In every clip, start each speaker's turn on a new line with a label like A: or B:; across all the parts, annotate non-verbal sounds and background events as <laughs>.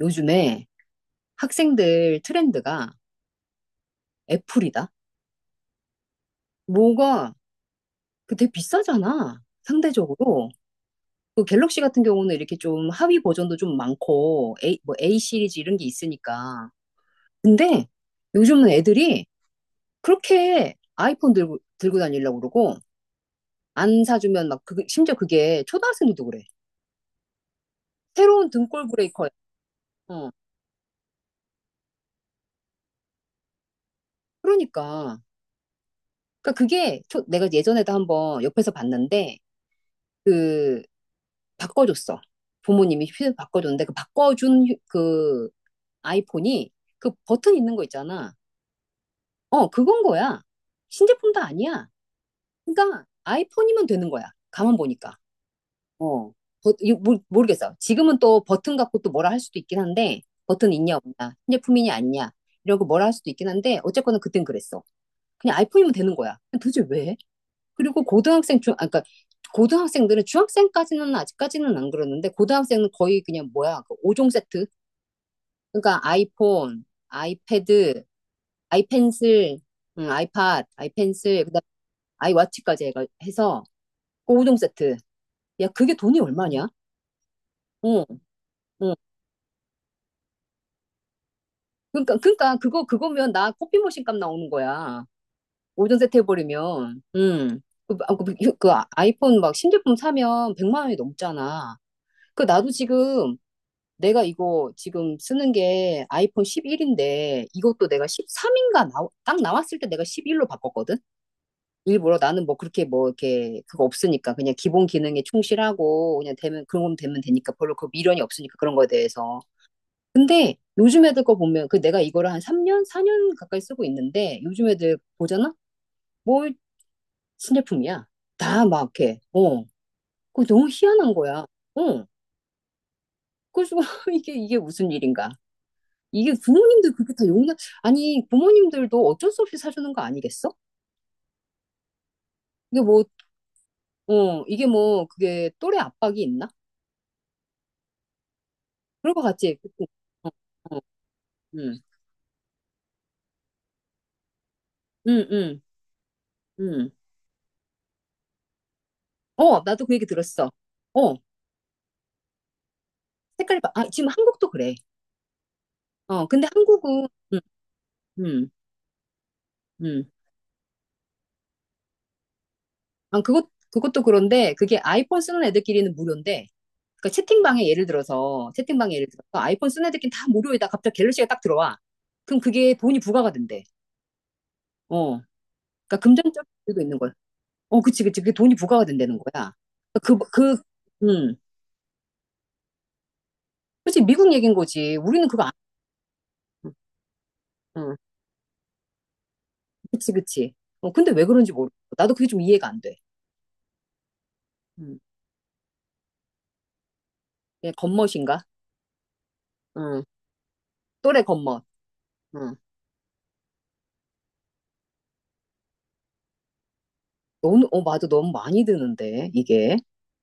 A: 요즘에 학생들 트렌드가 애플이다. 뭐가 되게 비싸잖아. 상대적으로. 그 갤럭시 같은 경우는 이렇게 좀 하위 버전도 좀 많고 A, A 시리즈 이런 게 있으니까. 근데 요즘은 애들이 그렇게 아이폰 들고 다니려고 그러고 안 사주면 막 그, 심지어 그게 초등학생들도 그래. 새로운 등골 브레이커야. 어. 그러니까. 그러니까 그게 초- 내가 예전에도 한번 옆에서 봤는데 그 바꿔줬어. 부모님이 휴대폰 바꿔줬는데 그 바꿔준 휴- 그 아이폰이 그 버튼 있는 거 있잖아. 어, 그건 거야. 신제품도 아니야. 그러니까 아이폰이면 되는 거야. 가만 보니까. 어. 버- 이거 모르- 모르겠어. 지금은 또 버튼 갖고 또 뭐라 할 수도 있긴 한데 버튼 있냐 없냐, 신제품이냐 아니냐 이러고 뭐라 할 수도 있긴 한데 어쨌거나 그땐 그랬어. 그냥 아이폰이면 되는 거야. 근데 도대체 왜? 그리고 고등학생 중 아까 고등학생들은 중학생까지는 아직까지는 안 그러는데 고등학생은 거의 그냥 뭐야 그 5종 세트. 그러니까 아이폰, 아이패드, 아이펜슬, 아이팟, 아이펜슬 그다음 아이워치까지 해서 그 5종 세트. 야 그게 돈이 얼마냐? 어, 어. 그러니까 그거면 나 커피 머신 값 나오는 거야. 5종 세트 해버리면 그 아이폰 막 신제품 사면 100만 원이 넘잖아. 그 나도 지금 내가 이거 지금 쓰는 게 아이폰 11인데 이것도 내가 13인가 딱 나왔을 때 내가 11로 바꿨거든? 일부러 나는 뭐 그렇게 뭐 이렇게 그거 없으니까 그냥 기본 기능에 충실하고 그냥 되면 그런 건 되면 되니까 별로 그 미련이 없으니까 그런 거에 대해서. 근데 요즘 애들 거 보면 그 내가 이거를 한 3년, 4년 가까이 쓰고 있는데 요즘 애들 보잖아? 뭘 신제품이야. 다 막 이렇게. 어. 그거 너무 희한한 거야. 어. 그래서 <laughs> 이게 무슨 일인가? 이게 부모님들 그게 렇다 용납, 아니, 부모님들도 어쩔 수 없이 사주는 거 아니겠어? 이게 뭐, 어, 이게 뭐, 그게 또래 압박이 있나? 그럴 것 같지? 그치? 어, 어, 음, 음, 음, 음. 어, 나도 그 얘기 들었어. 어, 색깔이, 바- 아, 지금 한국도 그래. 어, 근데 한국은, 음, 음, 음. 아, 그것, 그것도 그런데, 그게 아이폰 쓰는 애들끼리는 무료인데, 그러니까 채팅방에 예를 들어서, 채팅방에 예를 들어서, 아이폰 쓰는 애들끼리 다 무료에다 갑자기 갤럭시가 딱 들어와. 그럼 그게 돈이 부과가 된대. 어. 그러니까 금전적인 이유도 있는 거야. 어, 그치, 그치. 그게 돈이 부과가 된다는 거야. 그, 그, 음. 그치, 미국 얘긴 거지. 우리는 그거 안, 응, 그치, 그치. 어, 근데 왜 그런지 모르겠어. 나도 그게 좀 이해가 안 돼. 음, 얘 겉멋인가? 응, 또래 겉멋. 응. 너무, 어, 맞아. 너무 많이 드는데, 이게.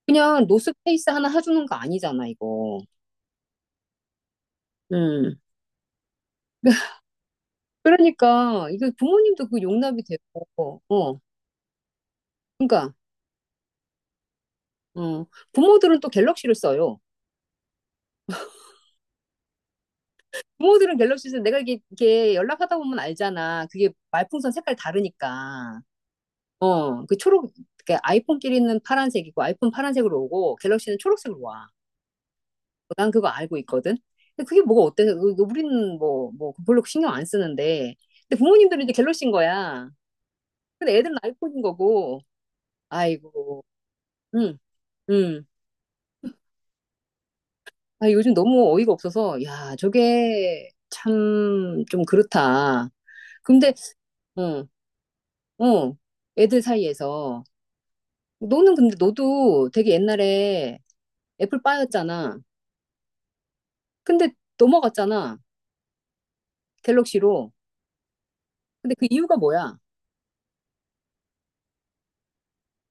A: 그냥 노스페이스 하나 해주는 거 아니잖아, 이거. 응, 그러니까, 이거 부모님도 그 용납이 되고, 어, 그러니까, 어, 부모들은 또 갤럭시를 써요. 구멍들은 갤럭시에서 내가 이게 연락하다 보면 알잖아. 그게 말풍선 색깔 다르니까. 어, 그 초록, 그 아이폰끼리는 파란색이고, 아이폰 파란색으로 오고, 갤럭시는 초록색으로 와. 난 그거 알고 있거든. 근데 그게 뭐가 어때서, 우리는 뭐, 뭐, 별로 신경 안 쓰는데. 근데 부모님들은 이제 갤럭시인 거야. 근데 애들은 아이폰인 거고, 아이고, 응, 응. 아, 요즘 너무 어이가 없어서, 야, 저게 참 좀 그렇다. 근데, 어, 어, 애들 사이에서. 너는 근데 너도 되게 옛날에 애플파이였잖아. 근데 넘어갔잖아. 갤럭시로. 근데 그 이유가 뭐야?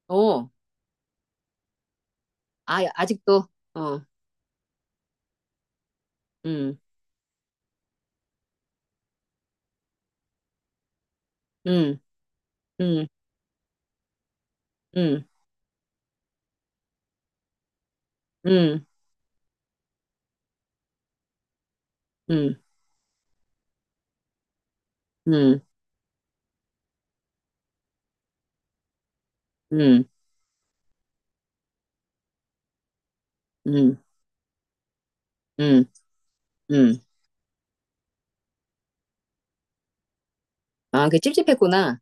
A: 어, 아, 아직도, 어, 음, 음, 음, 음, 음, 음, 음, 음, 음, 음, 음. 아, 그게 찝찝했구나.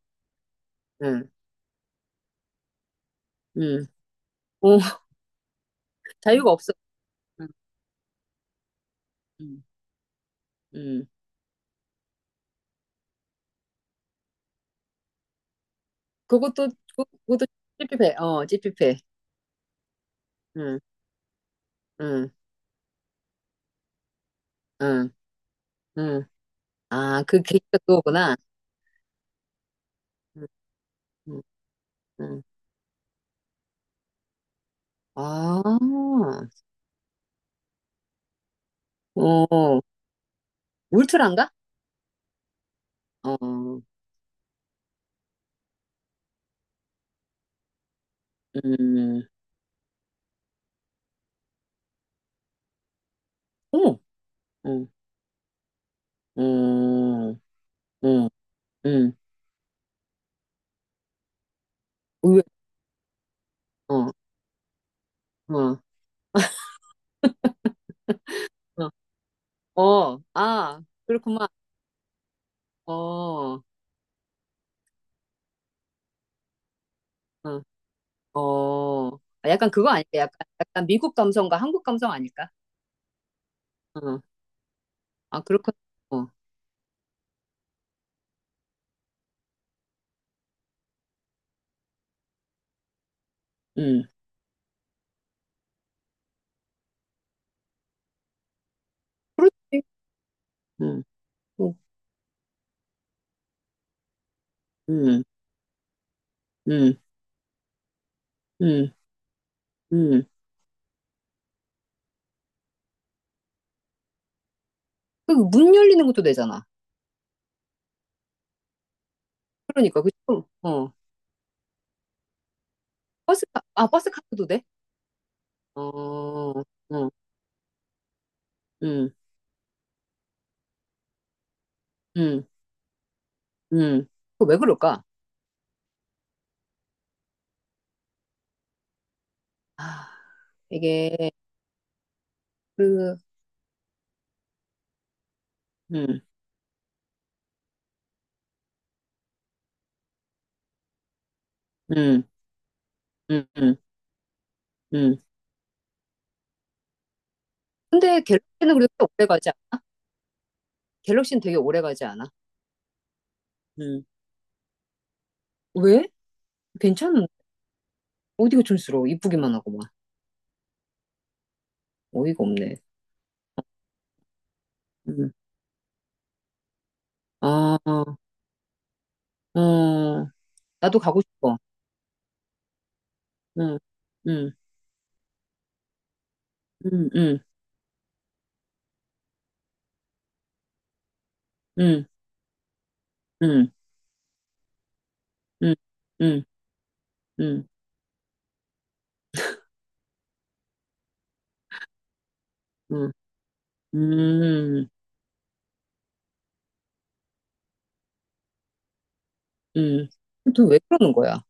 A: 응, 응. 어, <laughs> 자유가 없어. 응, 응, 응. 그것도, 그것도 찝찝해. 어, 찝찝해. 응, 응, 응, 응. 아, 그 계기가 그거구나. 음, 음, 음. 아, 어, 울트라인가? 어, 음, 어머, 어, 어, 어, 음, 의외, 어, 어, <laughs> 어, 어, 아, 그렇구만, 어, 어, 어, 아, 약간 그거 아닐까? 약간, 약간 미국 감성과 한국 감성 아닐까? 어, 아, 그렇군, 어, 음, 그렇지, 음, 어, 음, 음, 음, 음, 그문 열리는 것도 되잖아. 그러니까, 그치? 어, 버스, 카- 아, 버스 카드도 돼? 어, 응, 응, 응, 응. 그거 왜 그럴까? 아, 이게, 그, 응, 응, 응, 응, 응. 근데 갤럭시는 그렇게 오래 가지 않아? 갤럭시는 되게 오래 가지 않아? 응. 왜? 괜찮은데? 어디가 촌스러워? 이쁘기만 하고 막. 어이가 없네. 응. 아, 어, 나도 가고 싶어. 응, 응, 응, 응, 응, 응, 응, 응, 응, 응, 응. 음. 도대체 왜 그러는 거야?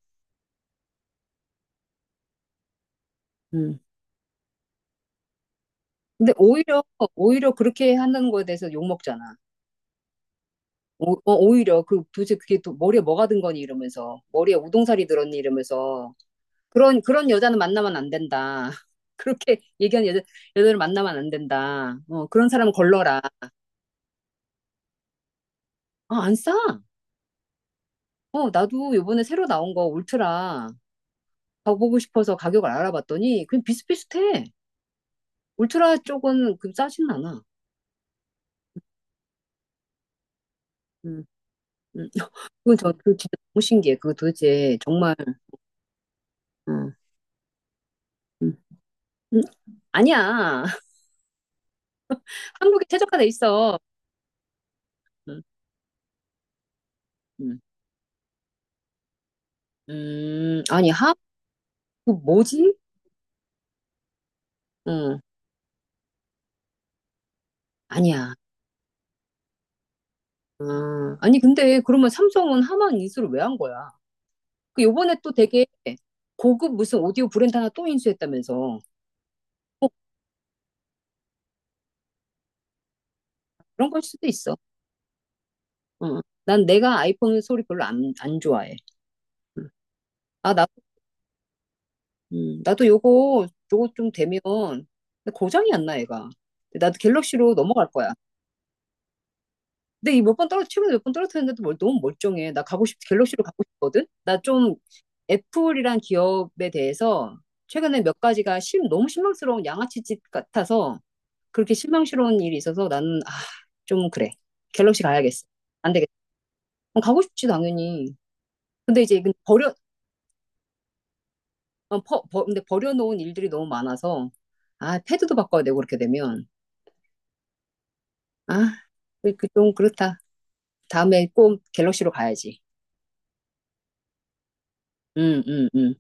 A: 음. 근데 오히려, 오히려 그렇게 하는 거에 대해서 욕먹잖아. 오, 어, 오히려 그 도대체 그게 또 머리에 뭐가 든 거니 이러면서 머리에 우동살이 들었니 이러면서 그런 여자는 만나면 안 된다. <laughs> 그렇게 얘기하는 여자 여자를 만나면 안 된다. 어, 그런 사람은 걸러라. 아, 안 싸. 어, 나도 요번에 새로 나온 거 울트라 가보고 싶어서 가격을 알아봤더니 그냥 비슷비슷해. 울트라 쪽은 그 싸진 않아. 음, 음. 그건 저, 그 진짜 너무 신기해. 그거 도대체 정말, 응, 응, 응. 아니야. <laughs> 한국에 최적화돼 있어. 응, 응. 아니, 하, 그 뭐지? 응, 아니야. 아, 아니, 근데 그러면 삼성은 하만 인수를 왜 한 거야? 그 요번에 또 되게 고급 무슨 오디오 브랜드 하나 또 인수했다면서. 그런 걸 수도 있어. 응. 난 내가 아이폰 소리 별로 안, 안 좋아해. 응. 아, 나도 요거, 요거 좀 되면 고장이 안 나, 얘가. 근데 나도 갤럭시로 넘어갈 거야. 근데 이 몇 번 떨어, 최근에 몇 번 떨어뜨렸는데도 멀- 너무 멀쩡해. 나 가고 싶, 갤럭시로 가고 싶거든? 나 좀 애플이란 기업에 대해서 최근에 몇 가지가 심, 너무 실망스러운 양아치짓 같아서 그렇게 실망스러운 일이 있어서 나는, 아, 좀 그래. 갤럭시 가야겠어. 안 되겠다. 그럼 가고 싶지, 당연히. 근데 이제 이건 버려, 어, 퍼- 버- 근데 버려놓은 일들이 너무 많아서, 아, 패드도 바꿔야 되고, 그렇게 되면. 아, 그, 그, 좀 그렇다. 다음에 꼭 갤럭시로 가야지. 응, 응, 응.